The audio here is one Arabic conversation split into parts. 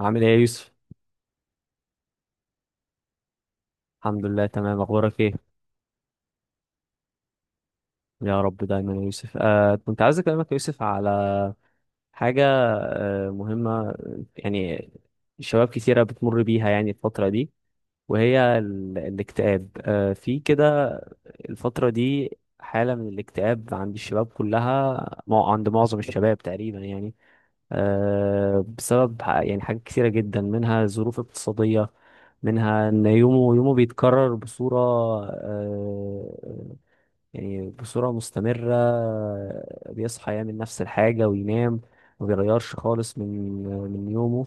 عامل ايه يا يوسف؟ الحمد لله تمام، اخبارك ايه؟ يا رب دايما يا يوسف. كنت عايز اكلمك يا يوسف على حاجه مهمه يعني. شباب كتيره بتمر بيها يعني الفتره دي، وهي الاكتئاب، في كده الفترة دي. حالة من الاكتئاب عند الشباب كلها، عند معظم الشباب تقريبا يعني بسبب يعني حاجات كثيرة جدا، منها ظروف اقتصادية، منها ان يومه يومه بيتكرر بصورة آه، يعني بصورة مستمرة. بيصحى يعمل نفس الحاجة وينام، ما بيغيرش خالص من يومه.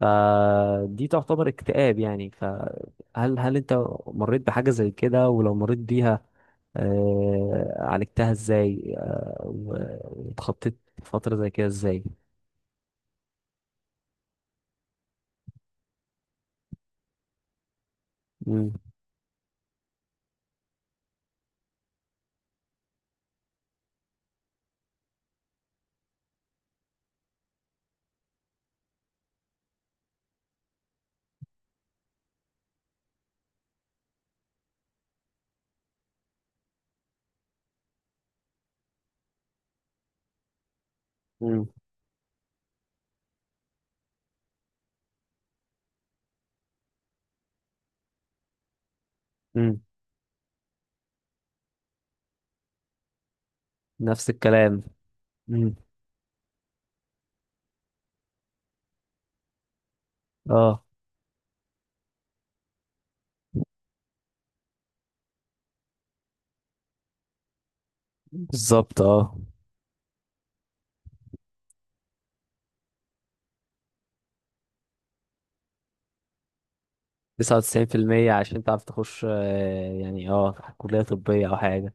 فدي تعتبر اكتئاب يعني. فهل انت مريت بحاجة زي كده؟ ولو مريت بيها عالجتها ازاي؟ واتخطيت فترة زي كده ازاي؟ مم. مم. مم. نفس الكلام. مم. اه. بالظبط، اه. 99% عشان تعرف تخش يعني، اه، كلية طبية او حاجة.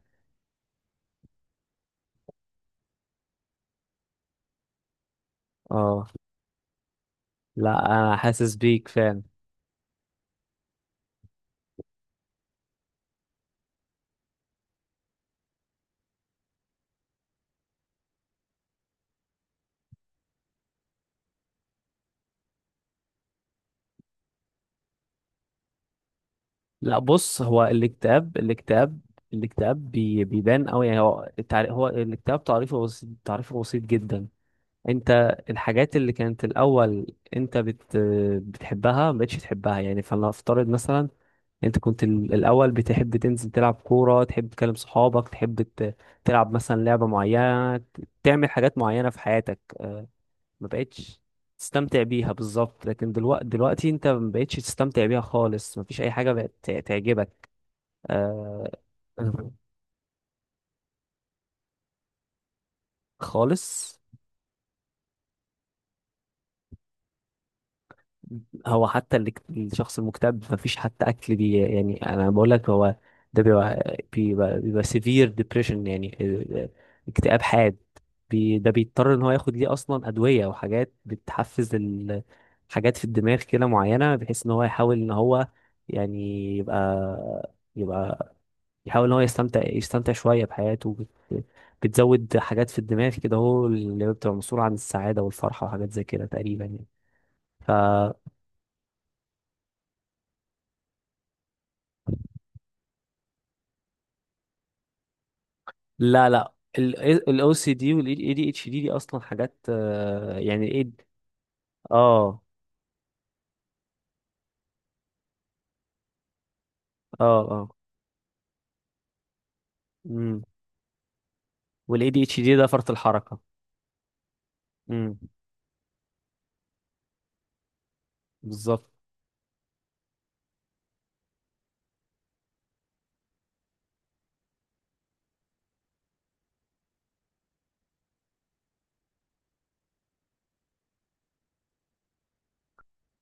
اه. لا انا حاسس بيك فعلا. لا بص، هو الاكتئاب، الاكتئاب الاكتئاب بيبان قوي يعني. هو هو الاكتئاب تعريفه بسيط، تعريفه بسيط جدا. انت الحاجات اللي كانت الاول انت بتحبها، ما بقتش تحبها يعني. فلنفترض مثلا انت كنت الاول بتحب تنزل تلعب كوره، تحب تكلم صحابك، تحب تلعب مثلا لعبه معينه، تعمل حاجات معينه في حياتك. ما بقتش تستمتع بيها بالظبط، لكن دلوقتي انت ما بقتش تستمتع بيها خالص. ما فيش اي حاجه بقت تعجبك آه خالص. هو حتى اللي الشخص المكتئب مفيش حتى اكل يعني، انا بقول لك هو ده بيبقى سيفير ديبريشن يعني. آه، آه، اكتئاب حاد. ده بيضطر ان هو ياخد ليه اصلا ادويه، وحاجات بتحفز حاجات في الدماغ كده معينه، بحيث ان هو يحاول ان هو يعني يبقى يحاول ان هو يستمتع شويه بحياته. بت... بتزود حاجات في الدماغ كده، هو اللي بتبقى مسؤوله عن السعاده والفرحه وحاجات زي كده تقريبا يعني. ف لا لا. الاو سي دي والاي دي اتش دي دي اصلا حاجات، يعني ايه؟ اه، اه، اه. امم والاي دي اتش دي ده فرط الحركه. امم، بالظبط.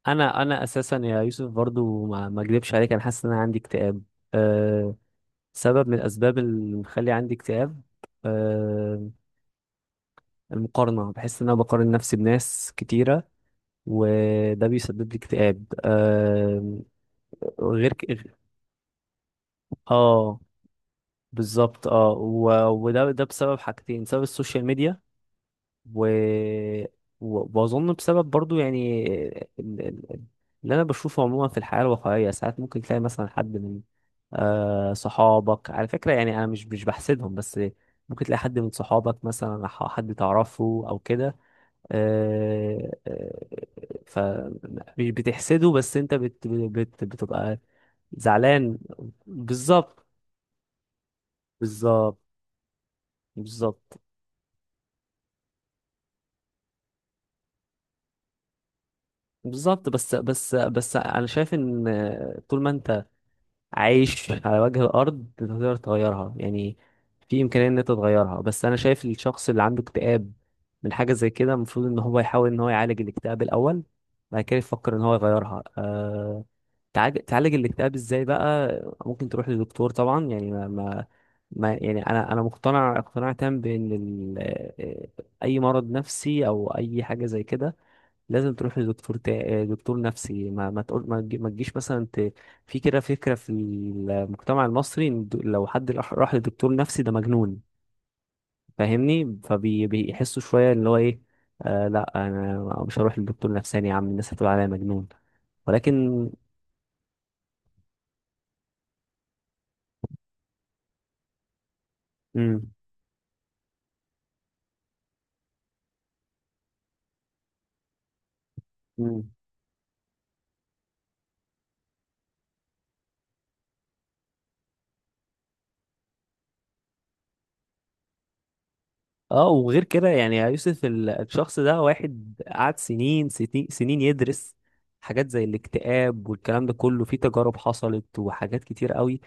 انا اساسا يا يوسف برضو، ما اكذبش عليك، انا حاسس ان انا عندي اكتئاب. أه. سبب من الاسباب اللي مخلي عندي اكتئاب، آه، المقارنة. بحس إن أنا بقارن نفسي بناس كتيرة، وده بيسبب لي اكتئاب غير ك... اه بالظبط اه ده بسبب حاجتين، بسبب السوشيال ميديا و... وأظن بسبب برضو يعني ال- ال- اللي أنا بشوفه عموما في الحياة الواقعية، ساعات ممكن تلاقي مثلا حد من صحابك. على فكرة يعني أنا مش بحسدهم بس، ممكن تلاقي حد من صحابك مثلا أو حد تعرفه أو كده. آه، آه، ف مش بتحسده بس انت بت بت بتبقى زعلان. بالظبط، بالظبط، بالظبط، بالظبط. بس انا شايف ان طول ما انت عايش على وجه الارض انت تقدر تغيرها يعني. في امكانيه ان انت تغيرها. بس انا شايف الشخص اللي عنده اكتئاب من حاجه زي كده المفروض ان هو يحاول ان هو يعالج الاكتئاب الاول، بعد كده يفكر ان هو يغيرها. تعالج الاكتئاب ازاي بقى؟ ممكن تروح للدكتور طبعا يعني ما يعني، انا مقتنع اقتناع تام بان ال... آه، آه، اي مرض نفسي او اي حاجه زي كده لازم تروح لدكتور دكتور نفسي. ما تقول، ما تجيش مثلا في كده فكرة في المجتمع المصري إن لو حد راح لدكتور نفسي ده مجنون، فاهمني؟ فبيحسوا شوية اللي هو ايه، لا انا مش هروح لدكتور نفساني يا عم، الناس هتقول عليا مجنون، ولكن. امم. اه، وغير كده يعني يا يوسف، الشخص ده واحد قعد سنين سنين سنين يدرس حاجات زي الاكتئاب، والكلام ده كله في تجارب حصلت وحاجات كتير قوي،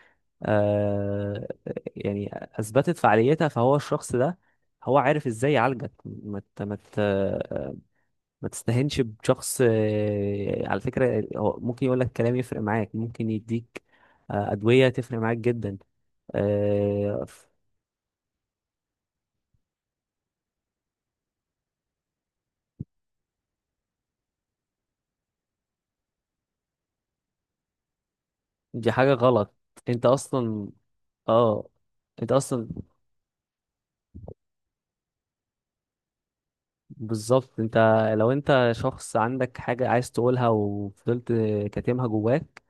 آه يعني اثبتت فعاليتها. فهو الشخص ده هو عارف ازاي يعالجك. ما تستهينش بشخص، على فكرة هو ممكن يقول لك كلام يفرق معاك، ممكن يديك أدوية تفرق معاك جدا. آه، دي حاجة غلط. انت اصلا، اه، انت اصلا، بالظبط. انت لو انت شخص عندك حاجة عايز تقولها وفضلت كاتمها جواك،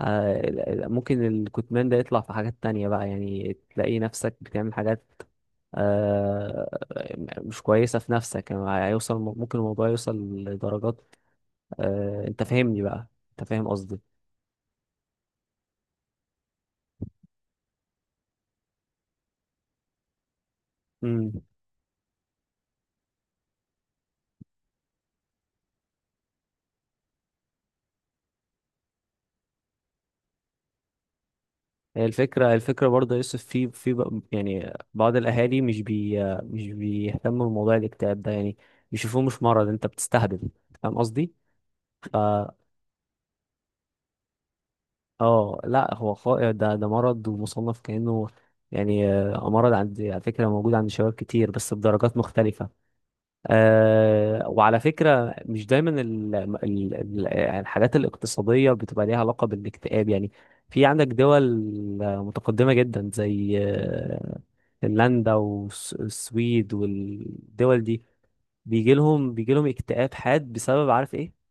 ممكن الكتمان ده يطلع في حاجات تانية بقى يعني، تلاقي نفسك بتعمل حاجات آه، مش كويسة في نفسك يعني. هيوصل ممكن الموضوع يوصل لدرجات، انت فاهمني بقى؟ انت فاهم قصدي؟ هي الفكرة، برضه يا يوسف، في يعني بعض الأهالي مش مش بيهتموا بموضوع الاكتئاب ده يعني، بيشوفوه مش مرض، أنت بتستهبل. فاهم قصدي؟ ف اه لا هو ده مرض ومصنف كأنه، يعني مرض. عند على فكرة موجود عند شباب كتير بس بدرجات مختلفة. وعلى فكرة مش دايما ال يعني الحاجات الاقتصادية بتبقى ليها علاقة بالاكتئاب يعني. في عندك دول متقدمة جدا زي فنلندا والسويد والدول دي، بيجي لهم اكتئاب حاد بسبب عارف ايه.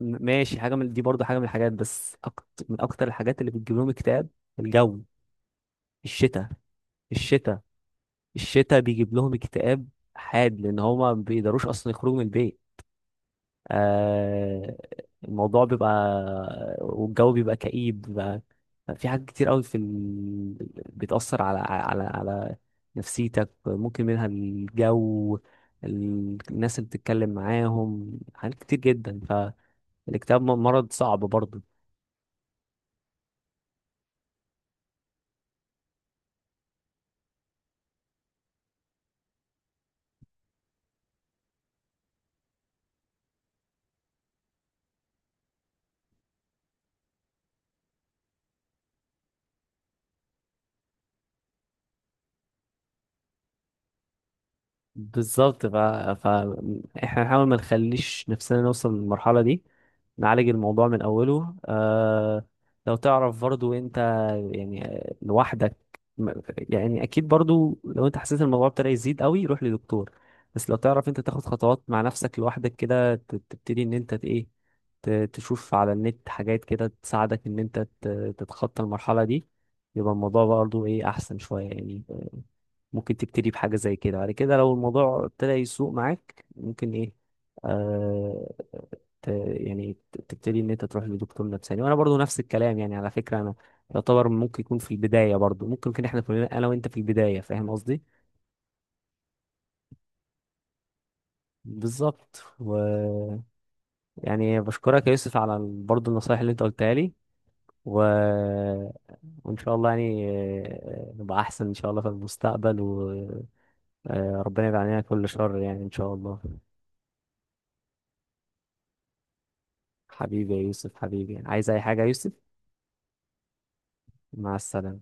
ماشي، حاجة من دي برضو حاجة من الحاجات. بس أكت، من أكتر الحاجات اللي بتجيب لهم اكتئاب، الجو، الشتاء، الشتاء. الشتاء بيجيب لهم اكتئاب حاد لأن هما ما بيقدروش أصلا يخرجوا من البيت. آه، الموضوع بيبقى، والجو بيبقى كئيب، بيبقى في حاجات كتير قوي في بتأثر على نفسيتك. ممكن منها الجو، الناس اللي بتتكلم معاهم، حاجات كتير جدا. فالاكتئاب مرض صعب برضه. بالظبط. ف احنا نحاول ما نخليش نفسنا نوصل للمرحلة دي، نعالج الموضوع من أوله. لو تعرف برضو انت يعني لوحدك، م- يعني أكيد برضو لو انت حسيت الموضوع ابتدى يزيد قوي روح لدكتور. بس لو تعرف انت تاخد خطوات مع نفسك لوحدك كده، تبتدي ان انت ايه، تشوف على النت حاجات كده تساعدك ان انت تتخطى المرحلة دي، يبقى الموضوع برضو ايه، أحسن شوية يعني. ممكن تبتدي بحاجة زي كده بعد كده. لو الموضوع ابتدى يسوق معاك، ممكن ايه، آه يعني تبتدي ان انت تروح لدكتور نفساني. وانا برضو نفس الكلام يعني، على فكرة انا يعتبر ممكن يكون في البداية برضو، ممكن يكون احنا كلنا انا وانت في البداية، فاهم قصدي؟ بالظبط يعني بشكرك يا يوسف على برضو النصايح اللي انت قلتها لي و... وان شاء الله يعني نبقى احسن ان شاء الله في المستقبل، وربنا يبعد عننا كل شر يعني ان شاء الله. حبيبي يا يوسف، حبيبي، عايز أي حاجة يا يوسف. مع السلامة.